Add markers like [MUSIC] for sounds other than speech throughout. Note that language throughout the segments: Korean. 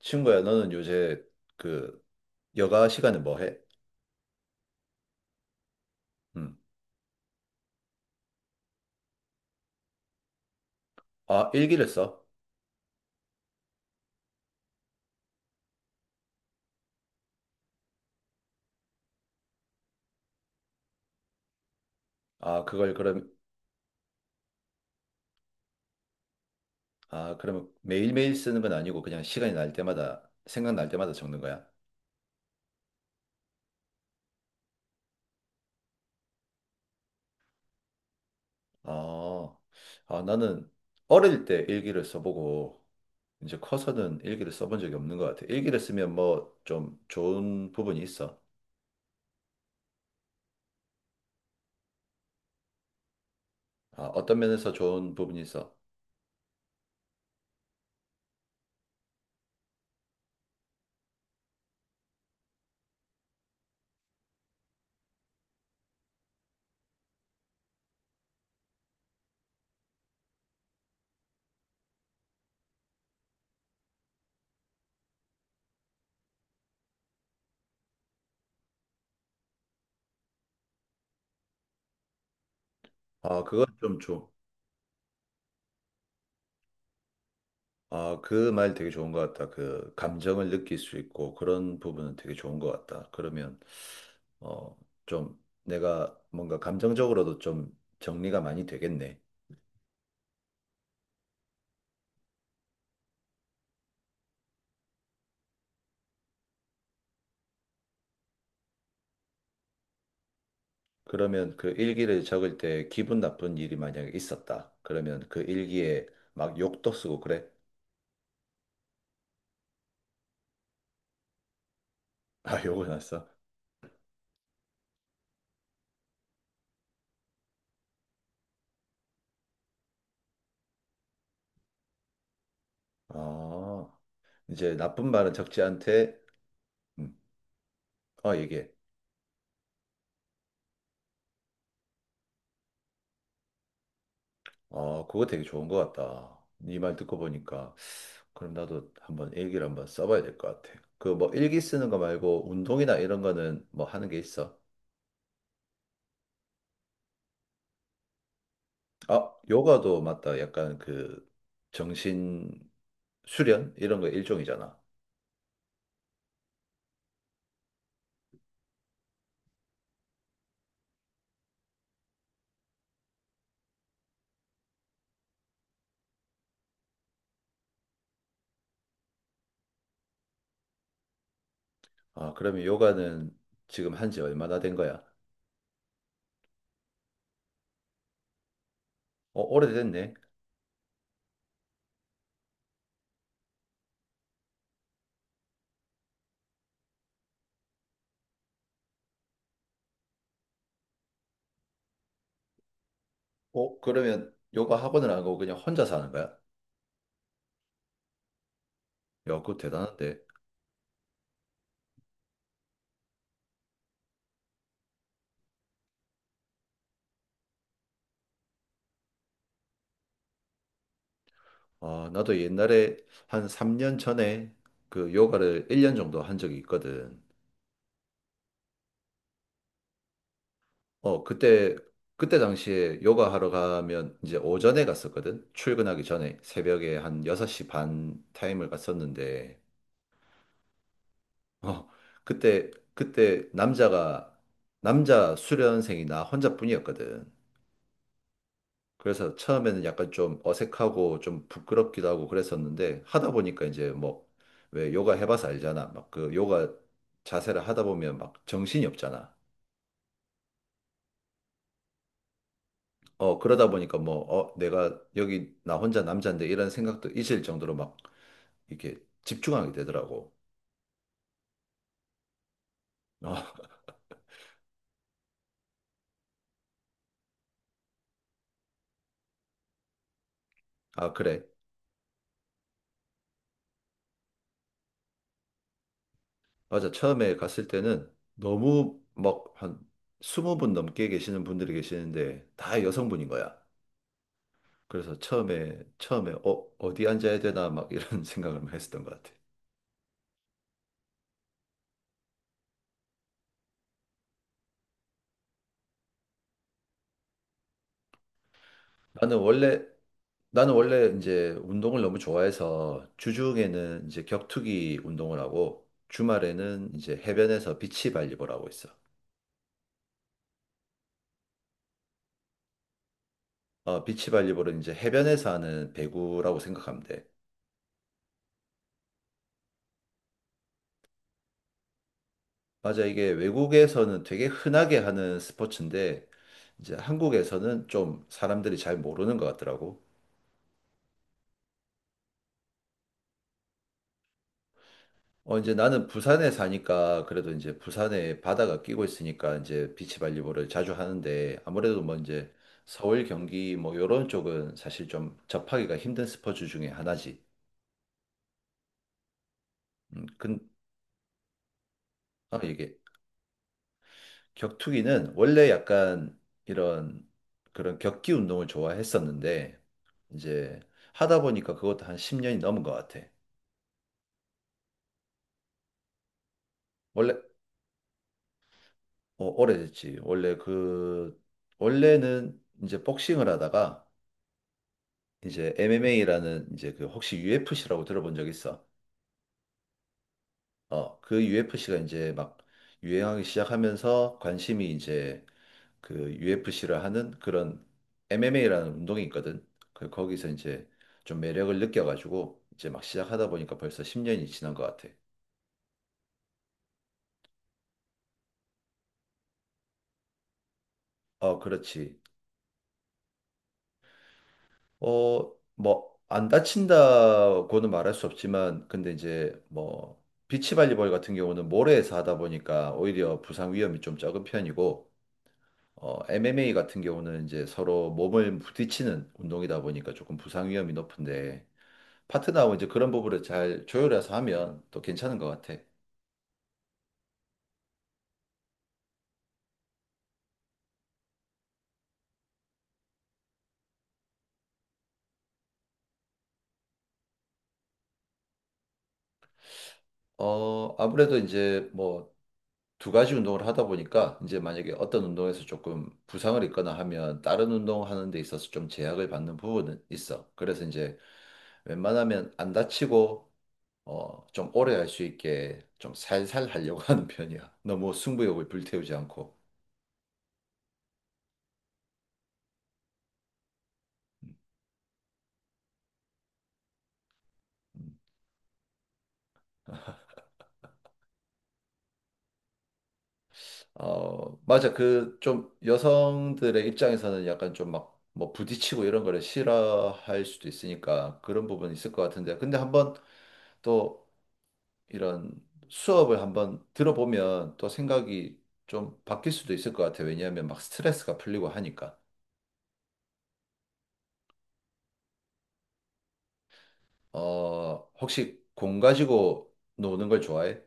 친구야, 너는 요새 그 여가 시간에 뭐 해? 음. 아, 일기를 써? 아, 그걸 그럼. 아, 그러면 매일매일 쓰는 건 아니고 그냥 시간이 날 때마다 생각날 때마다 적는 거야? 아, 나는 어릴 때 일기를 써보고 이제 커서는 일기를 써본 적이 없는 것 같아. 일기를 쓰면 뭐 좀 좋은 부분이 있어? 아, 어떤 면에서 좋은 부분이 있어? 아, 그건 좀 줘. 아, 그 말 되게 좋은 것 같다. 그 감정을 느낄 수 있고 그런 부분은 되게 좋은 것 같다. 그러면 어, 좀 내가 뭔가 감정적으로도 좀 정리가 많이 되겠네. 그러면 그 일기를 적을 때 기분 나쁜 일이 만약에 있었다. 그러면 그 일기에 막 욕도 쓰고 그래? [LAUGHS] 아, 욕을 났어? 아, 이제 나쁜 말은 적지 않대. 음, 어, 얘기해. 어, 그거 되게 좋은 것 같다. 네 말 듣고 보니까. 그럼 나도 한번 일기를 한번 써봐야 될 것 같아. 그 뭐 일기 쓰는 거 말고 운동이나 이런 거는 뭐 하는 게 있어? 아, 요가도 맞다. 약간 그 정신 수련 이런 거 일종이잖아. 아, 그러면 요가는 지금 한지 얼마나 된 거야? 어, 오래됐네. 어, 그러면 요가 학원을 안 가고 그냥 혼자 사는 거야? 야, 그거 대단한데. 아, 나도 옛날에 한 3년 전에 그 요가를 1년 정도 한 적이 있거든. 어, 그때 당시에 요가 하러 가면 이제 오전에 갔었거든. 출근하기 전에 새벽에 한 6시 반 타임을 갔었는데, 어, 그때, 그때 남자 수련생이 나 혼자뿐이었거든. 그래서 처음에는 약간 좀 어색하고 좀 부끄럽기도 하고 그랬었는데, 하다 보니까 이제 뭐, 왜 요가 해봐서 알잖아. 막 그 요가 자세를 하다 보면 막 정신이 없잖아. 어, 그러다 보니까 뭐, 어, 내가 여기 나 혼자 남자인데 이런 생각도 있을 정도로 막 이렇게 집중하게 되더라고. 어, [LAUGHS] 아, 그래. 맞아. 처음에 갔을 때는 너무 막 한 스무 분 넘게 계시는 분들이 계시는데 다 여성분인 거야. 그래서 어, 어디 앉아야 되나 막 이런 [LAUGHS] 생각을 했었던 것 같아. 나는 원래 나는 원래 이제 운동을 너무 좋아해서 주중에는 이제 격투기 운동을 하고 주말에는 이제 해변에서 비치 발리볼 하고 있어. 어, 비치 발리볼은 이제 해변에서 하는 배구라고 생각하면 돼. 맞아, 이게 외국에서는 되게 흔하게 하는 스포츠인데 이제 한국에서는 좀 사람들이 잘 모르는 것 같더라고. 어, 이제 나는 부산에 사니까 그래도 이제 부산에 바다가 끼고 있으니까 이제 비치발리볼을 자주 하는데 아무래도 뭐 이제 서울, 경기 뭐 요런 쪽은 사실 좀 접하기가 힘든 스포츠 중에 하나지. 음, 근, 아, 이게 격투기는 원래 약간 이런 그런 격기 운동을 좋아했었는데 이제 하다 보니까 그것도 한 10년이 넘은 것 같아. 원래, 어, 오래됐지. 원래는 이제 복싱을 하다가 이제 MMA라는 이제 그 혹시 UFC라고 들어본 적 있어? 어, 그 UFC가 이제 막 유행하기 시작하면서 관심이 이제 그 UFC를 하는 그런 MMA라는 운동이 있거든. 그 거기서 이제 좀 매력을 느껴가지고 이제 막 시작하다 보니까 벌써 10년이 지난 것 같아. 어, 그렇지. 어, 뭐 안 다친다고는 말할 수 없지만 근데 이제 뭐 비치 발리볼 같은 경우는 모래에서 하다 보니까 오히려 부상 위험이 좀 적은 편이고 어, MMA 같은 경우는 이제 서로 몸을 부딪히는 운동이다 보니까 조금 부상 위험이 높은데 파트너하고 이제 그런 부분을 잘 조율해서 하면 또 괜찮은 것 같아. 어, 아무래도 이제 뭐 두 가지 운동을 하다 보니까 이제 만약에 어떤 운동에서 조금 부상을 입거나 하면 다른 운동하는 데 있어서 좀 제약을 받는 부분은 있어. 그래서 이제 웬만하면 안 다치고 어, 좀 오래 할 수 있게 좀 살살 하려고 [LAUGHS] 하는 편이야. 너무 승부욕을 불태우지 않고. 어, 맞아. 그 좀 여성들의 입장에서는 약간 좀 막 뭐 부딪히고 이런 거를 싫어할 수도 있으니까 그런 부분이 있을 것 같은데. 근데 한번 또 이런 수업을 한번 들어보면 또 생각이 좀 바뀔 수도 있을 것 같아요. 왜냐하면 막 스트레스가 풀리고 하니까. 어, 혹시 공 가지고 노는 걸 좋아해?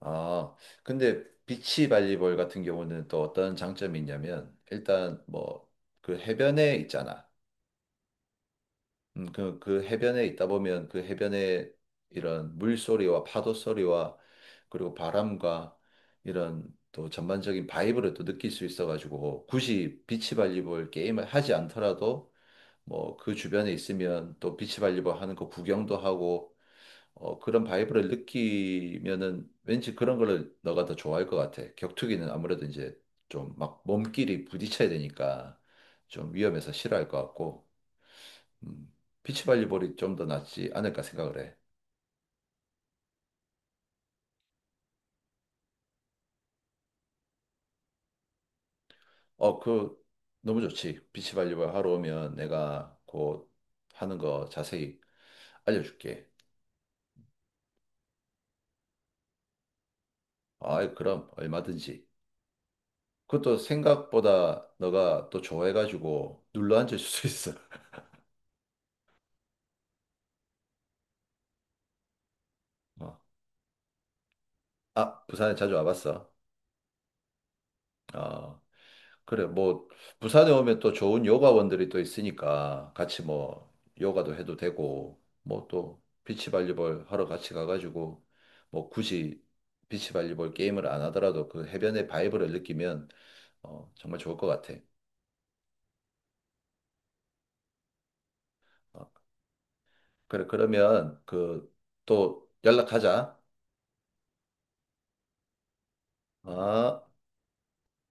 아, 근데 비치 발리볼 같은 경우는 또 어떤 장점이 있냐면 일단 뭐 그 해변에 있잖아. 그 해변에 있다 보면 그 해변에 이런 물소리와 파도 소리와 그리고 바람과 이런 또 전반적인 바이브를 또 느낄 수 있어가지고 굳이 비치발리볼 게임을 하지 않더라도 뭐 그 주변에 있으면 또 비치발리볼 하는 거 구경도 하고 어, 그런 바이브를 느끼면은 왠지 그런 거를 너가 더 좋아할 것 같아. 격투기는 아무래도 이제 좀 막 몸끼리 부딪혀야 되니까 좀 위험해서 싫어할 것 같고. 음, 비치발리볼이 좀 더 낫지 않을까 생각을 해. 어, 그 너무 좋지. 비치발리볼 하러 오면 내가 곧 하는 거 자세히 알려줄게. 아, 그럼 얼마든지. 그것도 생각보다 너가 또 좋아해가지고 눌러 앉을 수 있어. 어. 아, 부산에 자주 와봤어. 어. 그래, 뭐, 부산에 오면 또 좋은 요가원들이 또 있으니까 같이 뭐, 요가도 해도 되고, 뭐 또, 비치발리볼 하러 같이 가가지고, 뭐 굳이 비치발리볼 게임을 안 하더라도 그 해변의 바이브를 느끼면, 어, 정말 좋을 것 같아. 어, 그래, 그러면 그, 또 연락하자. 아